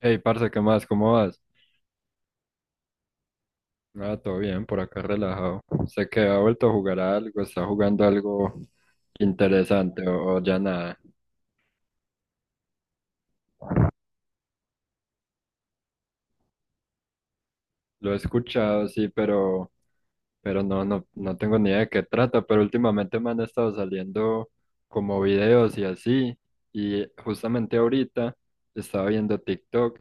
Hey, parce, ¿qué más? ¿Cómo vas? Ah, todo bien, por acá relajado. ¿Sé que ha vuelto a jugar a algo? ¿Está jugando algo interesante o ya nada? Lo he escuchado, sí, pero no tengo ni idea de qué trata, pero últimamente me han estado saliendo como videos y así, y justamente ahorita estaba viendo TikTok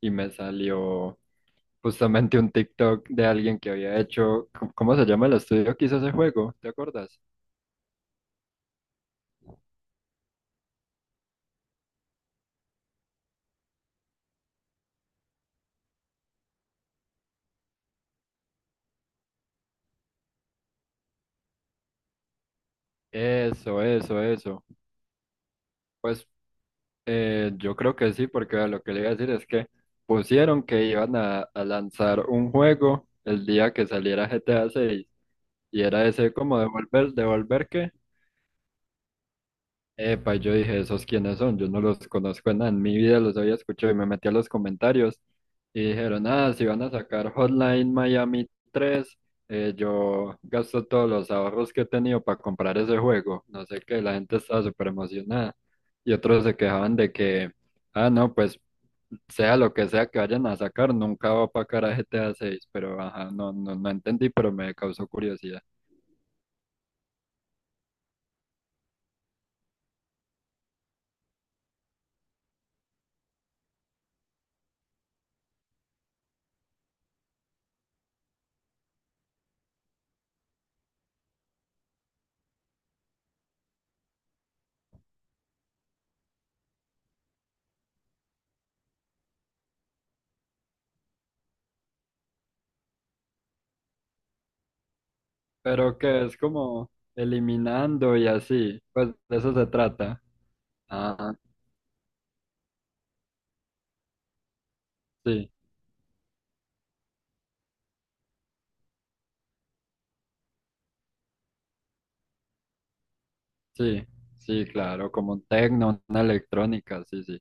y me salió justamente un TikTok de alguien que había hecho, ¿cómo se llama el estudio que hizo ese juego? ¿Te acuerdas? Eso, eso, eso. Pues yo creo que sí, porque lo que le iba a decir es que pusieron que iban a lanzar un juego el día que saliera GTA 6 y era ese como devolver qué. Epa, y yo dije, ¿esos quiénes son? Yo no los conozco en nada, en mi vida los había escuchado y me metí a los comentarios y dijeron, ah, si van a sacar Hotline Miami tres, yo gasto todos los ahorros que he tenido para comprar ese juego. No sé qué, la gente estaba súper emocionada y otros se quejaban de que... Ah, no, pues sea lo que sea que vayan a sacar, nunca va para cara a GTA 6, pero ajá, no entendí, pero me causó curiosidad. Pero que es como eliminando y así, pues de eso se trata. Ajá, sí, sí, sí, claro, como un techno, una electrónica, sí, sí.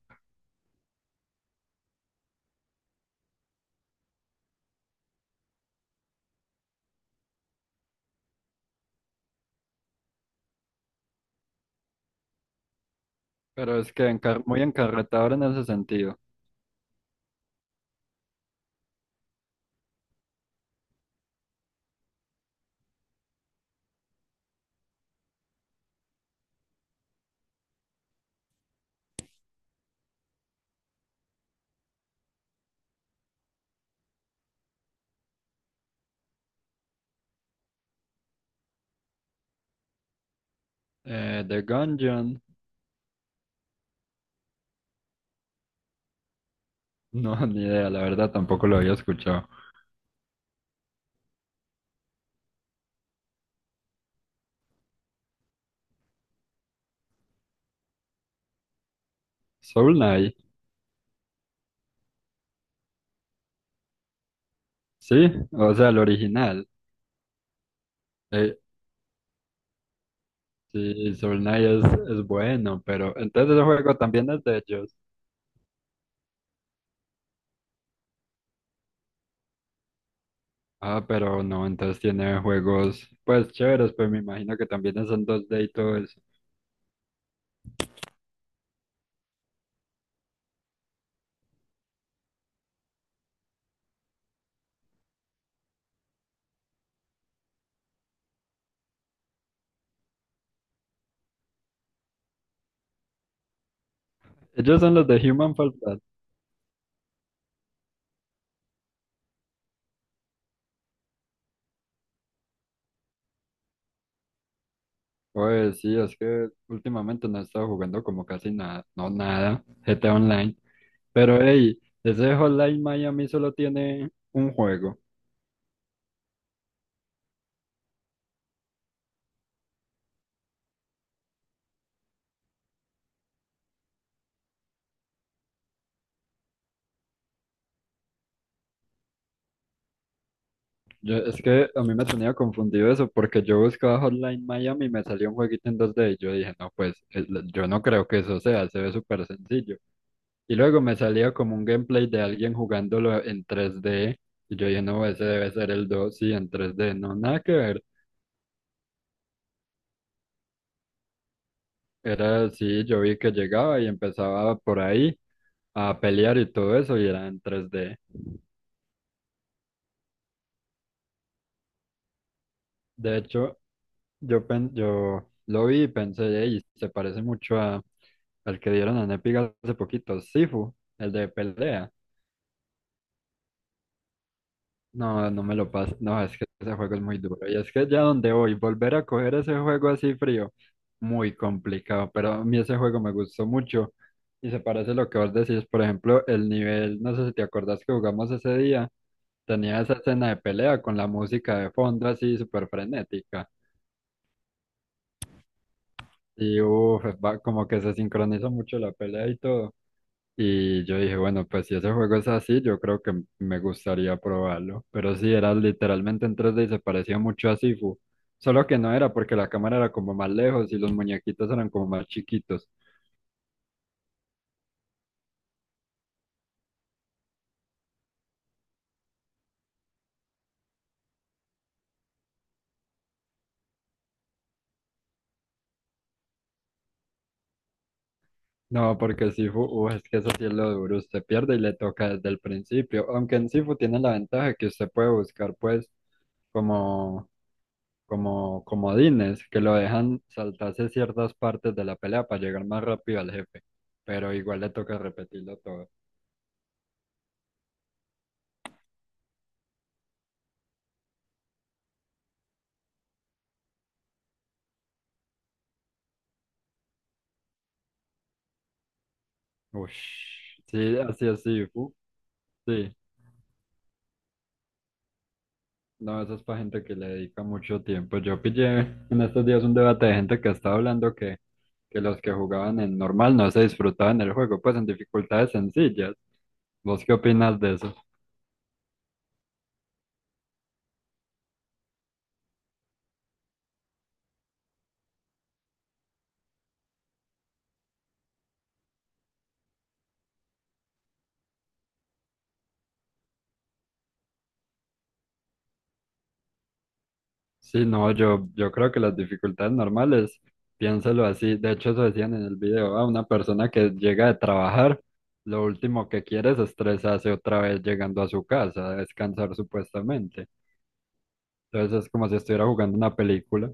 Pero es que muy encarretador en ese sentido. The Gungeon, no, ni idea, la verdad tampoco lo había escuchado. Soul Knight, sí, o sea, el original. Eh, Sí, es bueno, pero entonces el juego también es de ellos. Ah, pero no, entonces tiene juegos pues chéveres, pues me imagino que también son 2D y todo eso. Ellos son los de Human Fall Flat. Pues sí, es que últimamente no he estado jugando como casi nada, no nada, GTA Online. Pero hey, ese Hotline Miami solo tiene un juego. Yo, es que a mí me tenía confundido eso, porque yo buscaba Hotline Miami y me salió un jueguito en 2D y yo dije, no, yo no creo que eso sea, se ve súper sencillo. Y luego me salía como un gameplay de alguien jugándolo en 3D y yo dije, no, ese debe ser el 2 sí, en 3D no, nada que ver. Era así, yo vi que llegaba y empezaba por ahí a pelear y todo eso y era en 3D. De hecho, yo lo vi y pensé, y se parece mucho el que dieron en Epic hace poquito, Sifu, el de pelea. No, no me lo paso. No, es que ese juego es muy duro. Y es que ya donde voy, volver a coger ese juego así frío, muy complicado. Pero a mí ese juego me gustó mucho. Y se parece a lo que vos decís, por ejemplo, el nivel, no sé si te acordás que jugamos ese día, tenía esa escena de pelea con la música de fondo así súper frenética. Y uff, como que se sincronizó mucho la pelea y todo. Y yo dije, bueno, pues si ese juego es así, yo creo que me gustaría probarlo. Pero sí, era literalmente en 3D y se parecía mucho a Sifu. Solo que no era porque la cámara era como más lejos y los muñequitos eran como más chiquitos. No, porque Sifu, es que eso sí es lo duro. Usted pierde y le toca desde el principio. Aunque en Sifu tiene la ventaja que usted puede buscar, pues, como, como comodines que lo dejan saltarse ciertas partes de la pelea para llegar más rápido al jefe. Pero igual le toca repetirlo todo. Uy, sí, así, así, fu, sí. No, eso es para gente que le dedica mucho tiempo. Yo pillé en estos días un debate de gente que estaba hablando que los que jugaban en normal no se disfrutaban el juego, pues en dificultades sencillas. ¿Vos qué opinas de eso? Sí, no, yo creo que las dificultades normales, piénselo así. De hecho, eso decían en el video, a una persona que llega de trabajar, lo último que quiere es estresarse otra vez llegando a su casa, a descansar supuestamente. Entonces es como si estuviera jugando una película.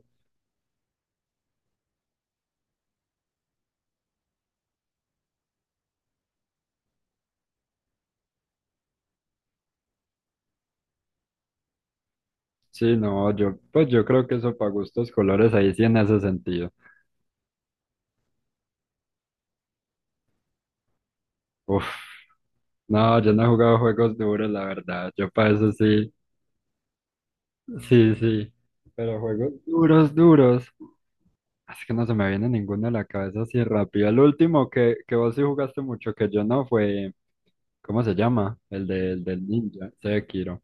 Sí, no, yo, pues yo creo que eso para gustos colores ahí sí en ese sentido. Uf, no, yo no he jugado juegos duros, la verdad. Yo para eso sí, sí, sí. Pero juegos duros, duros. Es que no se me viene ninguno a la cabeza así rápido. El último que vos sí jugaste mucho, que yo no, fue, ¿cómo se llama? El del ninja, Sekiro.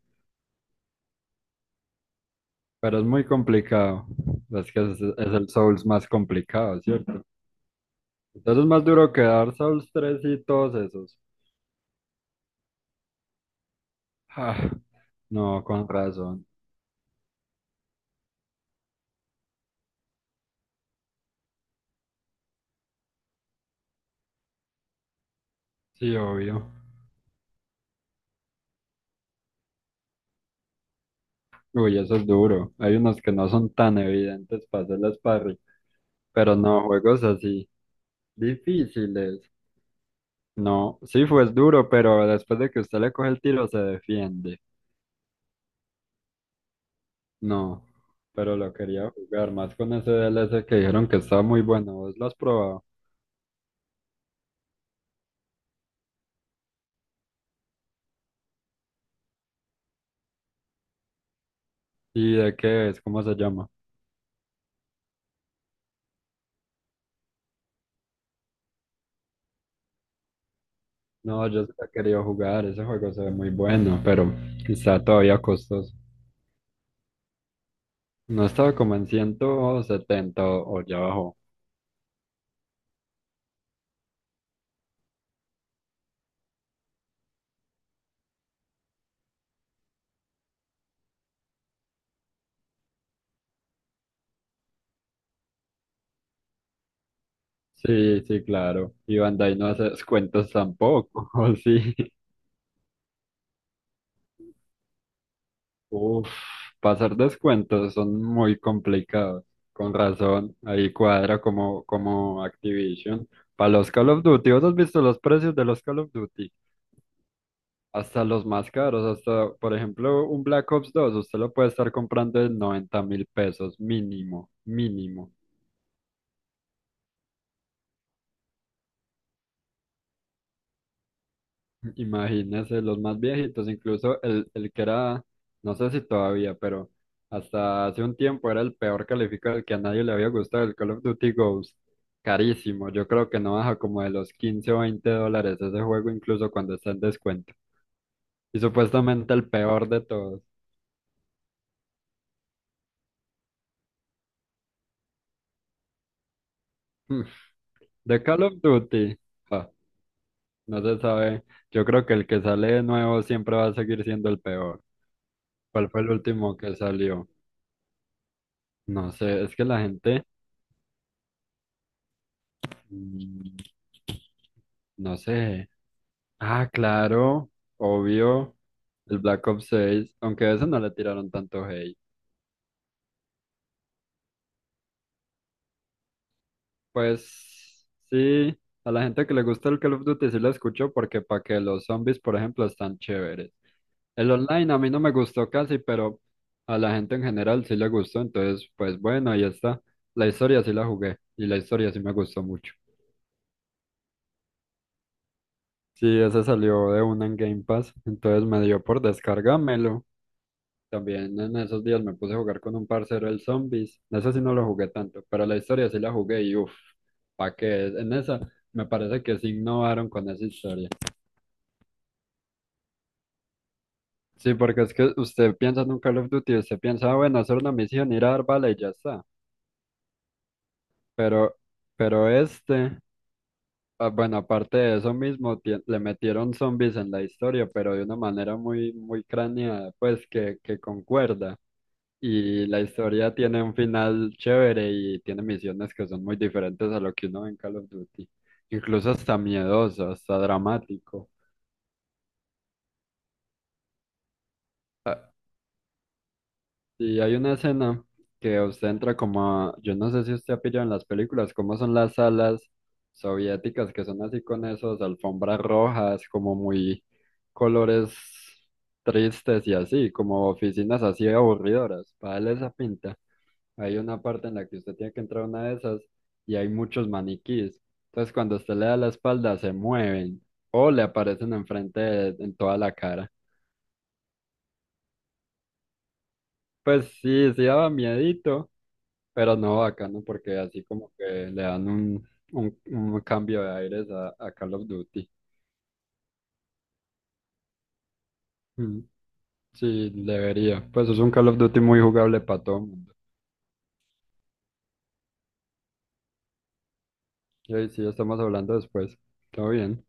Pero es muy complicado. Es que es el Souls más complicado, ¿cierto? Entonces es más duro que Dark Souls 3 y todos esos. Ah, no, con razón. Sí, obvio. Uy, eso es duro. Hay unos que no son tan evidentes para hacer las parry, pero no, juegos así, difíciles. No, sí fue duro, pero después de que usted le coge el tiro se defiende. No, pero lo quería jugar más con ese DLC que dijeron que está muy bueno. ¿Vos lo has probado? ¿Y de qué es? ¿Cómo se llama? No, yo sí lo he querido jugar. Ese juego se ve muy bueno, pero está todavía costoso. No estaba como en 170 o ya abajo. Sí, sí, claro. Y Bandai no hace descuentos tampoco, ¿o sí? Uf, pasar descuentos son muy complicados. Con razón, ahí cuadra como Activision. Para los Call of Duty, ¿vos has visto los precios de los Call of Duty? Hasta los más caros, hasta, por ejemplo, un Black Ops 2 usted lo puede estar comprando en 90.000 pesos, mínimo, mínimo. Imagínese, los más viejitos, incluso el que era, no sé si todavía, pero hasta hace un tiempo era el peor calificado, el que a nadie le había gustado, el Call of Duty Ghost. Carísimo, yo creo que no baja como de los 15 o 20 dólares ese juego, incluso cuando está en descuento. Y supuestamente el peor de todos. Hmm, de Call of Duty, ah, no se sabe. Yo creo que el que sale de nuevo siempre va a seguir siendo el peor. ¿Cuál fue el último que salió? No sé, es que la gente. Mm, no sé. Ah, claro, obvio. El Black Ops 6, aunque a ese no le tiraron tanto hate. Pues sí, a la gente que le gusta el Call of Duty sí lo escucho porque para que los zombies, por ejemplo, están chéveres. El online a mí no me gustó casi, pero a la gente en general sí le gustó, entonces pues bueno, ahí está. La historia sí la jugué y la historia sí me gustó mucho. Sí, ese salió de una en Game Pass, entonces me dio por descargármelo. También en esos días me puse a jugar con un parcero el Zombies. En esa sí no lo jugué tanto, pero la historia sí la jugué y uff, ¿pa' qué? En esa me parece que sí innovaron con esa historia. Sí, porque es que usted piensa en un Call of Duty, usted piensa, "Ah, bueno, hacer una misión, ir a dar bala y ya está". Pero, pero este, ah, bueno, aparte de eso mismo, le metieron zombies en la historia, pero de una manera muy craneada, pues que concuerda. Y la historia tiene un final chévere y tiene misiones que son muy diferentes a lo que uno ve en Call of Duty. Incluso hasta miedoso, hasta dramático. Ah, y hay una escena que usted entra como yo no sé si usted ha pillado en las películas, cómo son las salas soviéticas que son así con esos alfombras rojas, como muy colores tristes y así, como oficinas así aburridoras, para darle esa pinta. Hay una parte en la que usted tiene que entrar a una de esas y hay muchos maniquís. Entonces, cuando usted le da la espalda, se mueven o le aparecen en toda la cara. Pues sí, sí daba miedito, pero no bacano porque así como que le dan un cambio de aires a Call of Duty. Mm, sí, debería. Pues es un Call of Duty muy jugable para todo el mundo. Y ahí sí, estamos hablando después. Todo bien.